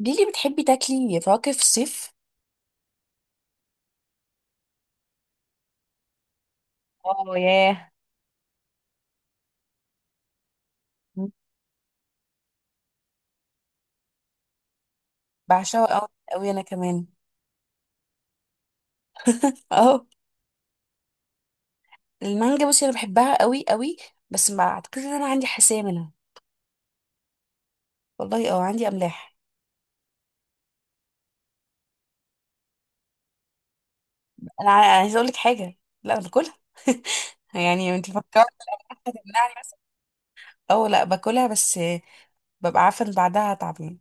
ليلي، بتحبي تاكلي فواكه في الصيف؟ اه، ياه. بعشقها قوي قوي انا كمان. اه. المانجا، بصي انا بحبها قوي قوي. بس ما اعتقدش ان انا عندي حساسيه منها. والله اه، عندي املاح. انا عايزه اقول لك حاجه. لا، انا باكلها. يعني انت فكرت هتمنعني؟ بس اه، لا، باكلها. بس ببقى عارفه ان بعدها هتعب يعني.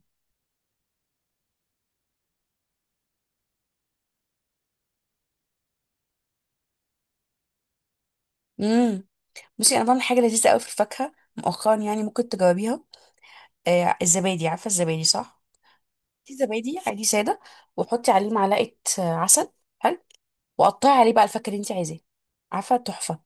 امم بصي، انا بعمل حاجه لذيذه قوي في الفاكهه مؤخرا. يعني ممكن تجاوبيها. آه، الزبادي، عارفه الزبادي صح؟ في زبادي عادي ساده، وحطي عليه معلقه عسل. حلو. وقطعي عليه بقى الفاكهه اللي انت عايزاه. عارفه؟ تحفه.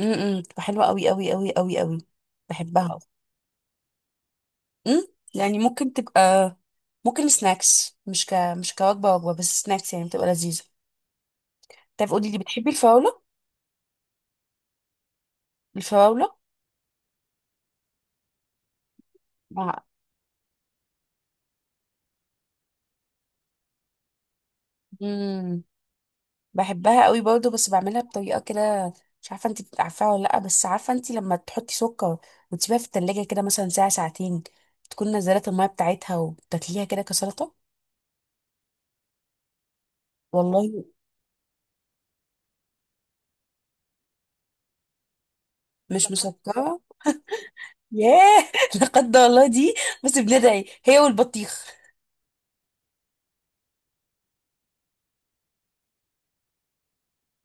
بتبقى حلوه قوي قوي قوي قوي قوي. بحبها. امم يعني ممكن تبقى ممكن سناكس، مش كوجبه، بس سناكس. يعني بتبقى لذيذه. طيب، قولي لي، بتحبي الفراوله؟ الفراوله مع. امم بحبها قوي برضه، بس بعملها بطريقه كده. مش عارفه انت عارفاها ولا لا، بس عارفه انت لما تحطي سكر وتسيبيها في التلاجة كده، مثلا ساعه ساعتين، تكون نزلت الميه بتاعتها، وتاكليها كده كسلطه. والله مش مسكره. ياه. لقد الله دي. بس بندعي هي والبطيخ.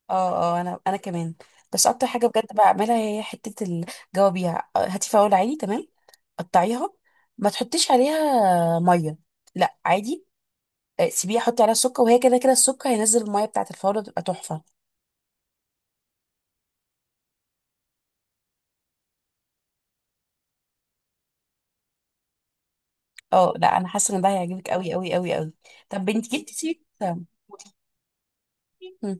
اه اه، انا كمان. بس اكتر حاجه بجد بعملها هي حته، الجوابيها: هاتي فاول عادي، تمام؟ قطعيها، ما تحطيش عليها ميه، لا، عادي. سيبيه، حطي عليها السكر، وهي كده كده السكر هينزل الميه بتاعت الفورة، تبقى تحفة. اه لا، انا حاسة ان ده هيعجبك قوي قوي قوي قوي. طب بنت، جبتي سيرة سلمون. مم.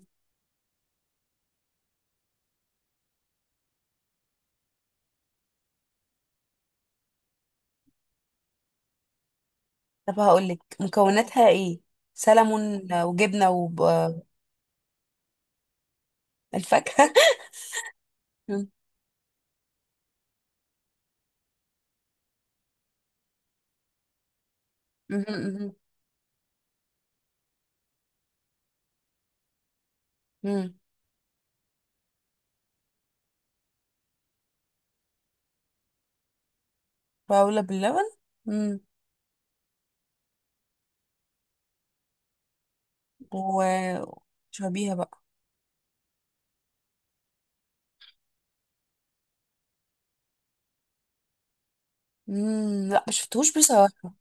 طب هقول لك مكوناتها ايه. سلمون وجبنة والفاكهة. مم. مم. مم. مم. فاولة باللبن. مم. وشربيها بقى. مم. لا، ما شفتهوش بصراحة.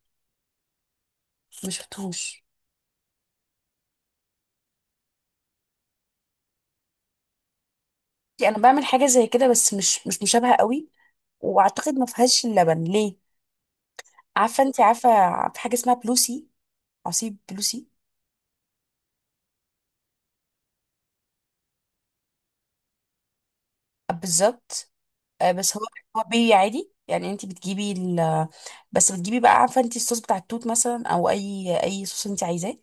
ما شفتهوش. يعني انا بعمل حاجة زي كده، بس مش مشابهة قوي. واعتقد ما فيهاش اللبن. ليه؟ عارفه؟ انت عارفه في حاجه اسمها بلوسي؟ عصير بلوسي. آه، بالظبط. آه، بس هو، هو بي عادي. يعني انت بتجيبي ال، بس بتجيبي بقى، عارفه، انت الصوص بتاع التوت مثلا، او اي صوص انت عايزاه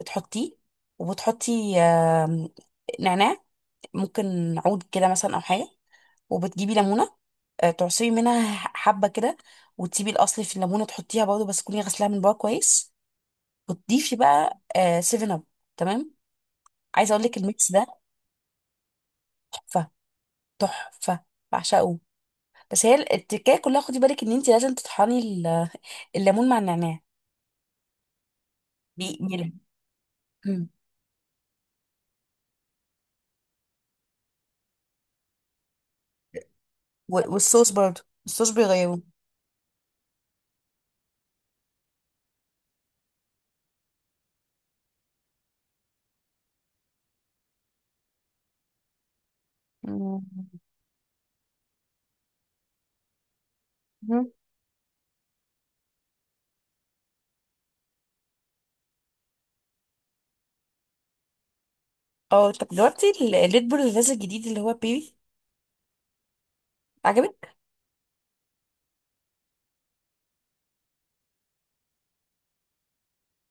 بتحطيه. وبتحطي نعناع، ممكن عود كده مثلا او حاجه. وبتجيبي ليمونه، تعصري منها حبه كده، وتسيبي الاصل في الليمونه تحطيها برضه، بس تكوني غسلاها من بره كويس، وتضيفي بقى سيفن اب. تمام؟ عايزه اقول لك الميكس ده تحفه، تحفه. بعشقه. بس هي التكايه كلها، خدي بالك ان انت لازم تطحني الليمون مع النعناع. بيقل. والصوص برضو الصوص بيغيره. مم. اه، طب جربتي الريد بول الغاز الجديد اللي هو بيبي؟ عجبك؟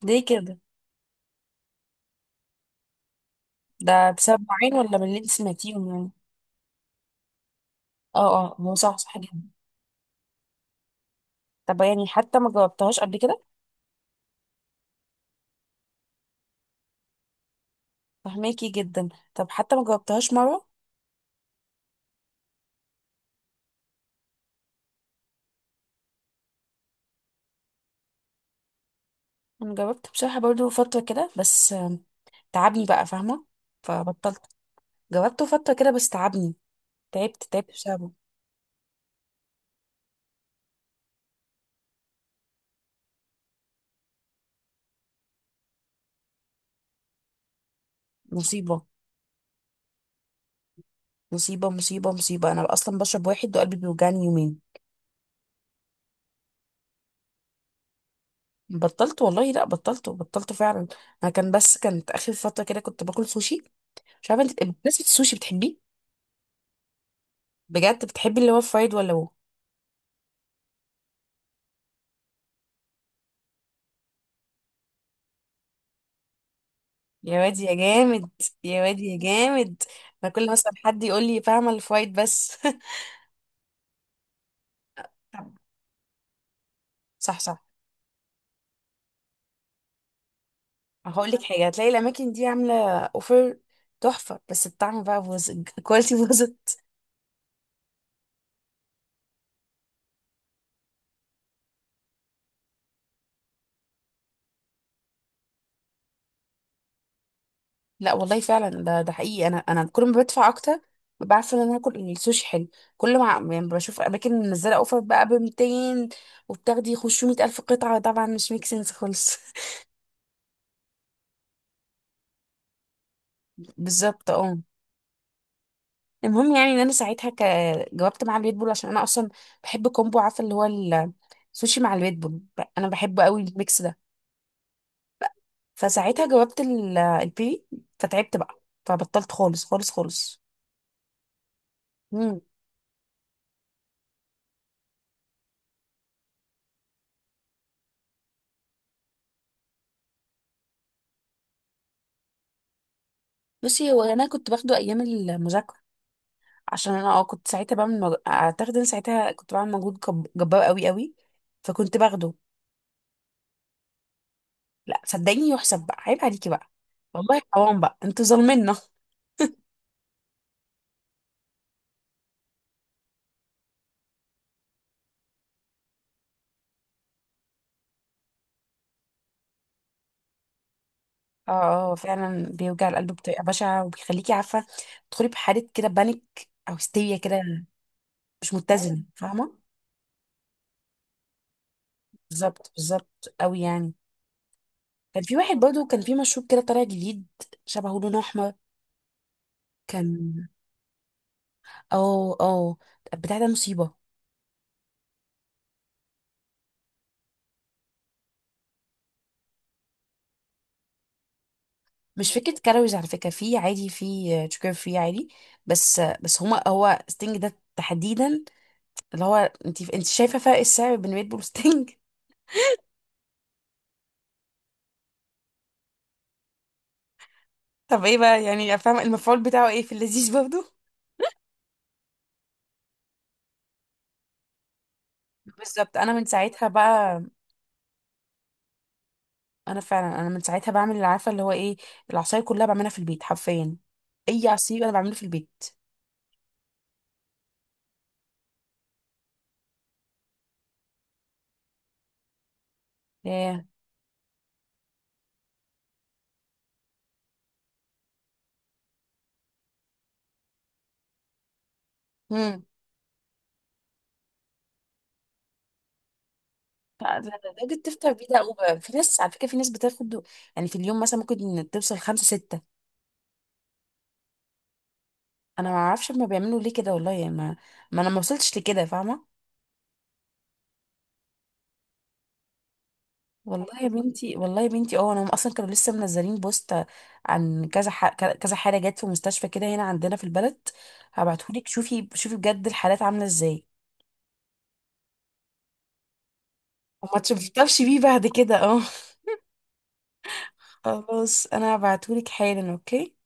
ليه كده؟ ده بسبب معين ولا من اللي انت سمعتيهم يعني؟ اه اه، هو صح، صح جدا. طب يعني حتى ما جربتهاش قبل كده؟ فهماكي جدا. طب حتى ما جربتهاش مره؟ انا جربت بصراحه برضو فتره كده، بس تعبني بقى، فاهمه؟ فبطلت. جربته فتره كده بس تعبني. تعبت، تعبت بسببه. مصيبة مصيبة مصيبة مصيبة. أنا أصلا بشرب واحد وقلبي بيوجعني يومين. بطلت والله، لا بطلت، بطلت فعلا. أنا كان بس، كانت آخر فترة كده كنت باكل سوشي. مش عارفة أنت بالنسبة السوشي بتحبيه؟ بجد، بتحبي اللي هو فرايد ولا هو؟ يا واد يا جامد، يا واد يا جامد. أنا كل مثلا حد يقول لي، فاهمة، الفرايد بس. صح، صح. هقول لك حاجة، هتلاقي الأماكن دي عاملة أوفر تحفة، بس الطعم بقى بوظ، الكواليتي بوظ. لا والله فعلا، ده حقيقي. انا كل ما بدفع اكتر ببقى عارفه ان انا هاكل السوشي حلو. كل ما يعني بشوف اماكن منزله اوفر بقى ب 200، وبتاخدي خشوا 100,000 الف قطعه، طبعا مش ميك سنس خالص. بالظبط اه. المهم يعني ان انا ساعتها جاوبت مع الريد بول، عشان انا اصلا بحب كومبو، عارفه اللي هو السوشي مع الريد بول. انا بحبه قوي الميكس ده. فساعتها جاوبت البيري، فتعبت بقى، فبطلت خالص خالص خالص. مم. بصي، هو انا كنت باخده ايام المذاكره، عشان انا اه كنت ساعتها بعمل اعتقد ان ساعتها كنت بعمل مجهود جبار قوي قوي، فكنت باخده. لا صدقيني يحسب، بقى عيب عليكي بقى. والله حرام بقى، انتوا ظالمينا. اه اه، فعلا بيوجع القلب بطريقه بشعه، وبيخليكي، عارفه، تدخلي بحاله كده بانيك او هستيريا كده، مش متزنه، فاهمه. بالظبط، بالظبط قوي يعني. كان في واحد برضه، كان في مشروب كده طالع جديد، شبهه لون احمر. كان اه اه، بتاع ده مصيبه. مش فكرة كالوريز على فكرة، في عادي، في شوكر فري عادي. بس بس هما هو ستينج ده تحديدا اللي هو، انت شايفة فرق السعر بين ريد بول وستينج. طب ايه بقى يعني، فاهمة المفعول بتاعه ايه في اللذيذ برضه؟ بالظبط. انا من ساعتها بقى، انا فعلا، انا من ساعتها بعمل اللي، عارفة اللي هو ايه، العصاير كلها بعملها في البيت حرفيا. اي عصير انا بعمله في البيت. ياه. امم لدرجة تفطر بيه؟ ده اوبر، في ناس على فكرة، في ناس بتاخد يعني في اليوم مثلا ممكن توصل خمسة ستة. انا ما اعرفش ما بيعملوا ليه كده، والله يعني ما انا ما وصلتش لكده، فاهمه. والله يا بنتي، والله يا بنتي، اه انا اصلا كانوا لسه منزلين بوست عن كذا كذا حاله جت في مستشفى كده هنا عندنا في البلد. هبعتهولك، شوفي شوفي بجد الحالات عامله ازاي، وما تشوفيش بيه بعد كده، اه. خلاص، انا هبعتهولك حالا، اوكي.